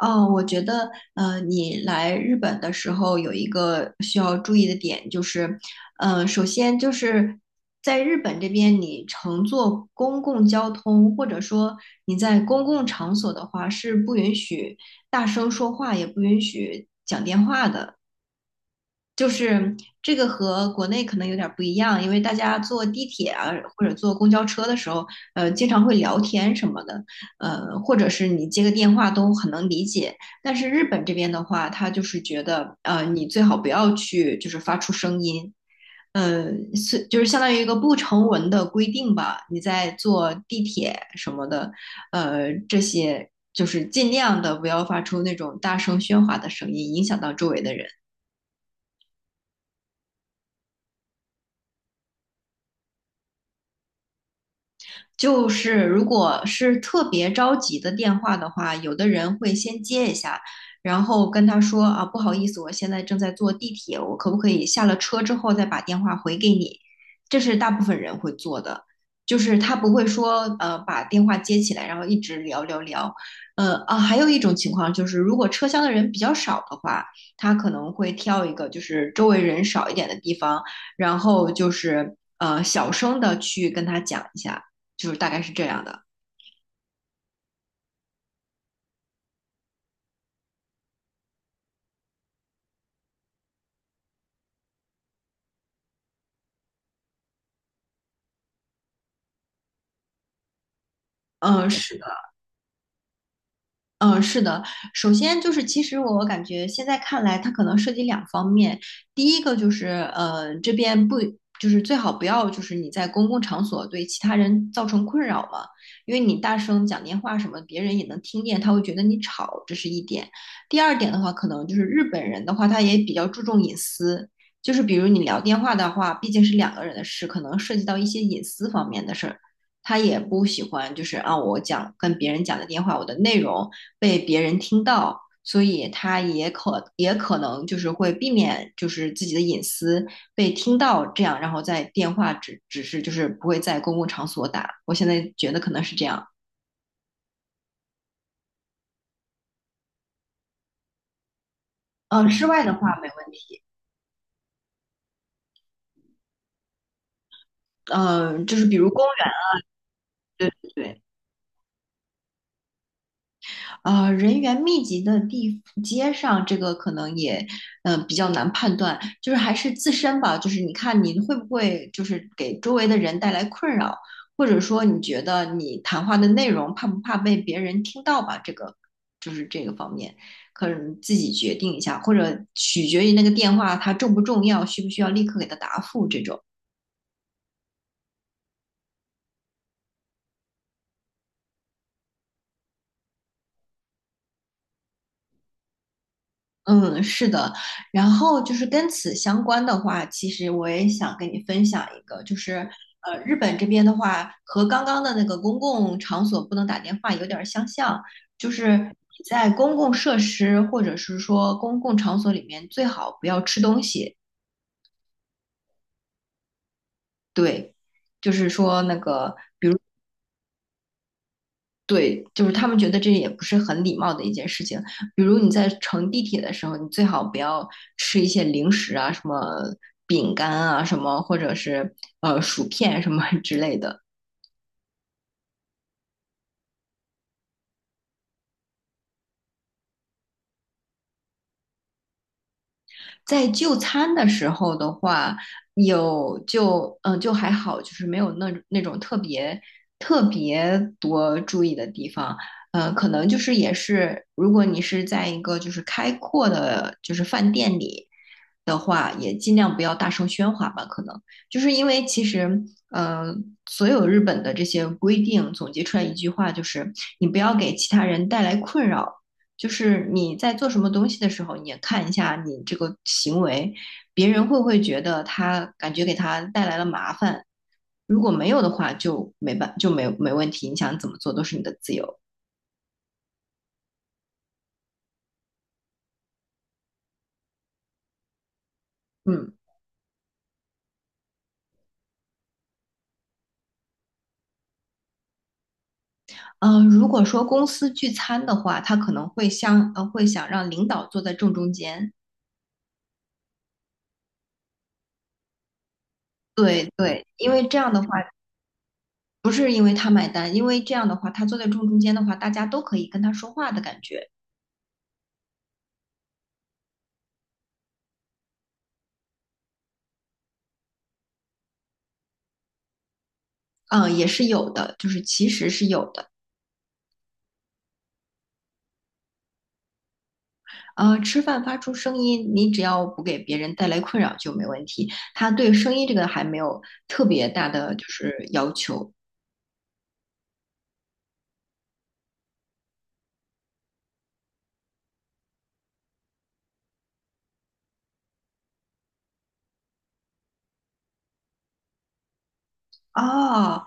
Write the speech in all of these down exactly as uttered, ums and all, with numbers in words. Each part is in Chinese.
哦，我觉得，呃，你来日本的时候有一个需要注意的点，就是，呃，首先就是在日本这边，你乘坐公共交通，或者说你在公共场所的话，是不允许大声说话，也不允许讲电话的。就是这个和国内可能有点儿不一样，因为大家坐地铁啊或者坐公交车的时候，呃，经常会聊天什么的，呃，或者是你接个电话都很能理解。但是日本这边的话，他就是觉得，呃，你最好不要去就是发出声音，呃，是就是相当于一个不成文的规定吧。你在坐地铁什么的，呃，这些就是尽量的不要发出那种大声喧哗的声音，影响到周围的人。就是如果是特别着急的电话的话，有的人会先接一下，然后跟他说啊，不好意思，我现在正在坐地铁，我可不可以下了车之后再把电话回给你？这是大部分人会做的，就是他不会说呃把电话接起来，然后一直聊聊聊。呃啊，还有一种情况就是，如果车厢的人比较少的话，他可能会挑一个就是周围人少一点的地方，然后就是呃小声的去跟他讲一下。就是大概是这样的。嗯，是的。嗯，是的。首先就是，其实我感觉现在看来，它可能涉及两方面。第一个就是，呃，这边不就是最好不要就是你在公共场所对其他人造成困扰嘛，因为你大声讲电话什么，别人也能听见，他会觉得你吵，这是一点。第二点的话，可能就是日本人的话，他也比较注重隐私。就是比如你聊电话的话，毕竟是两个人的事，可能涉及到一些隐私方面的事儿，他也不喜欢，就是啊，我讲跟别人讲的电话，我的内容被别人听到，所以他也可也可能就是会避免，就是自己的隐私被听到，这样，然后在电话只只是就是不会在公共场所打。我现在觉得可能是这样。嗯、呃室外的话没问题。嗯、呃就是比如公园。对对对。啊，人员密集的地街上，这个可能也，嗯、比较难判断，就是还是自身吧，就是你看你会不会就是给周围的人带来困扰，或者说你觉得你谈话的内容怕不怕被别人听到吧？这个就是这个方面，可能自己决定一下，或者取决于那个电话它重不重要，需不需要立刻给他答复这种。嗯，是的，然后就是跟此相关的话，其实我也想跟你分享一个，就是呃，日本这边的话，和刚刚的那个公共场所不能打电话有点儿相像，就是你在公共设施或者是说公共场所里面最好不要吃东西。对，就是说那个，对，就是他们觉得这也不是很礼貌的一件事情。比如你在乘地铁的时候，你最好不要吃一些零食啊，什么饼干啊，什么或者是呃薯片什么 之类的。在就餐的时候的话，有就嗯、呃就还好，就是没有那那种特别特别多注意的地方。呃，可能就是也是，如果你是在一个就是开阔的，就是饭店里的话，也尽量不要大声喧哗吧。可能就是因为其实，呃，所有日本的这些规定总结出来一句话，就是你不要给其他人带来困扰，就是你在做什么东西的时候，你也看一下你这个行为，别人会不会觉得他感觉给他带来了麻烦？如果没有的话，就没办就没没问题，你想怎么做都是你的自由。嗯。嗯、呃，如果说公司聚餐的话，他可能会想呃会想让领导坐在正中间。对对，因为这样的话，不是因为他买单，因为这样的话，他坐在正中间的话，大家都可以跟他说话的感觉。嗯、也是有的，就是其实是有的。呃，吃饭发出声音，你只要不给别人带来困扰就没问题。他对声音这个还没有特别大的就是要求。哦，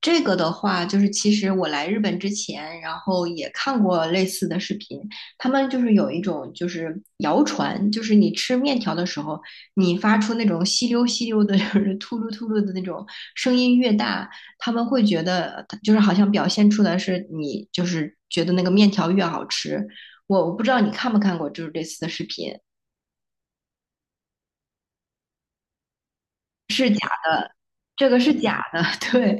这个的话，就是其实我来日本之前，然后也看过类似的视频，他们就是有一种就是谣传，就是你吃面条的时候，你发出那种吸溜吸溜的，就是秃噜秃噜的那种声音越大，他们会觉得就是好像表现出来是你就是觉得那个面条越好吃。我我不知道你看没看过就是类似的视频。这个是假的，对。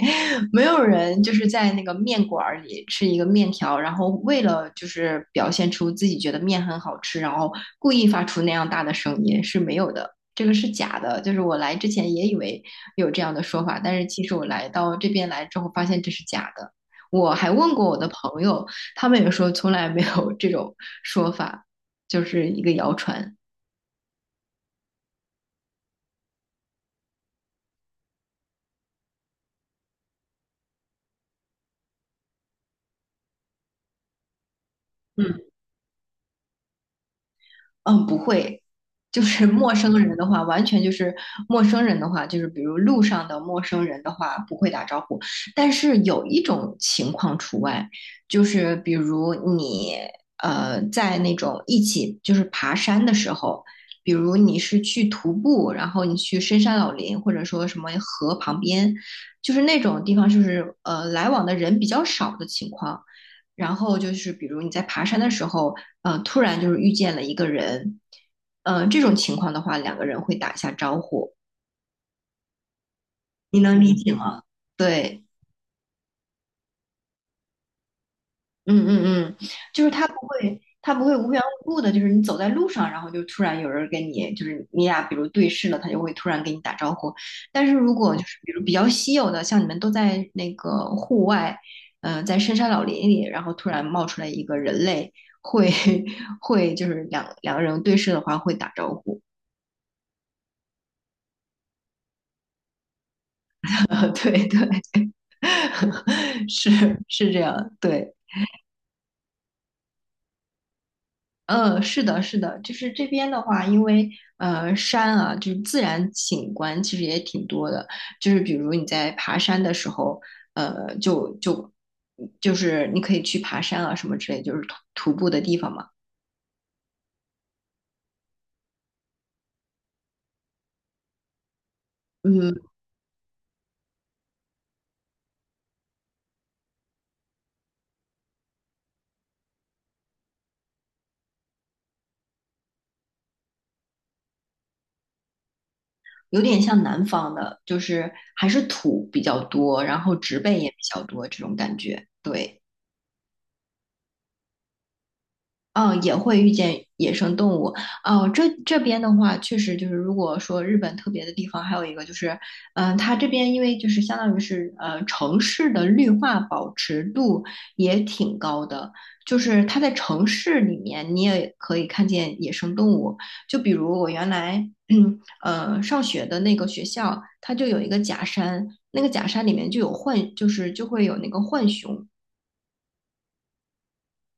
没有人就是在那个面馆儿里吃一个面条，然后为了就是表现出自己觉得面很好吃，然后故意发出那样大的声音是没有的，这个是假的。就是我来之前也以为有这样的说法，但是其实我来到这边来之后发现这是假的。我还问过我的朋友，他们也说从来没有这种说法，就是一个谣传。嗯。嗯，不会，就是陌生人的话，完全就是陌生人的话，就是比如路上的陌生人的话，不会打招呼。但是有一种情况除外，就是比如你呃在那种一起就是爬山的时候，比如你是去徒步，然后你去深山老林，或者说什么河旁边，就是那种地方，就是呃来往的人比较少的情况。然后就是比如你在爬山的时候，呃，突然就是遇见了一个人，呃，这种情况的话，两个人会打一下招呼，你能理解吗？对。嗯嗯嗯，就是他不会，他不会无缘无故的，就是你走在路上，然后就突然有人跟你，就是你俩比如对视了，他就会突然跟你打招呼。但是如果就是比如比较稀有的，像你们都在那个户外，呃，在深山老林里，然后突然冒出来一个人类，会 会就是两两个人对视的话会打招呼。对对。是是这样，对。呃，是的，是的，就是这边的话，因为呃山啊，就是自然景观其实也挺多的，就是比如你在爬山的时候，呃，就就就是你可以去爬山啊什么之类，就是徒徒步的地方嘛。嗯，有点像南方的，就是还是土比较多，然后植被也比较多这种感觉。对。嗯，呃也会遇见野生动物。哦，这这边的话，确实就是，如果说日本特别的地方，还有一个就是，嗯、它这边因为就是相当于是呃城市的绿化保持度也挺高的，就是它在城市里面你也可以看见野生动物。就比如我原来 呃上学的那个学校，它就有一个假山，那个假山里面就有浣，就是就会有那个浣熊。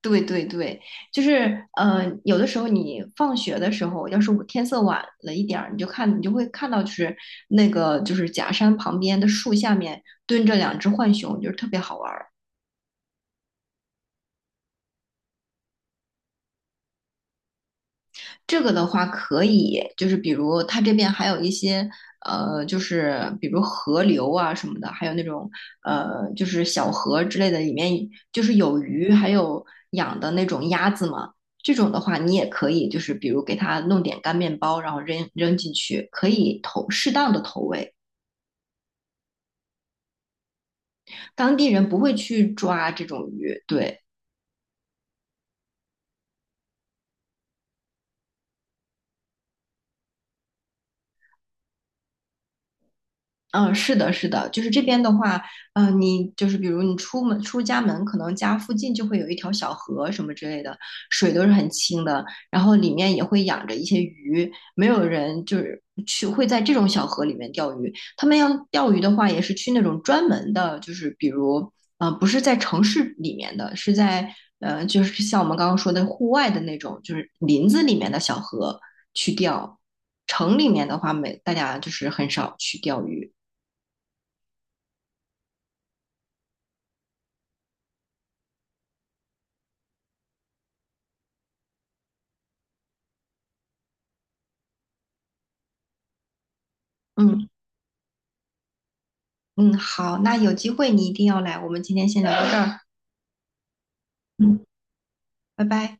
对对对，就是呃，有的时候你放学的时候，要是我天色晚了一点儿，你就看你就会看到，就是那个就是假山旁边的树下面蹲着两只浣熊，就是特别好玩儿。这个的话可以，就是比如它这边还有一些呃，就是比如河流啊什么的，还有那种呃，就是小河之类的，里面就是有鱼，还有养的那种鸭子嘛。这种的话，你也可以，就是比如给它弄点干面包，然后扔扔进去，可以投适当的投喂。当地人不会去抓这种鱼，对。嗯，是的，是的，就是这边的话，嗯，你就是比如你出门出家门，可能家附近就会有一条小河什么之类的，水都是很清的，然后里面也会养着一些鱼，没有人就是去会在这种小河里面钓鱼。他们要钓鱼的话，也是去那种专门的，就是比如，呃，不是在城市里面的，是在呃，就是像我们刚刚说的户外的那种，就是林子里面的小河去钓。城里面的话，没大家就是很少去钓鱼。嗯。嗯，好，那有机会你一定要来，我们今天先聊到这儿。嗯，拜拜。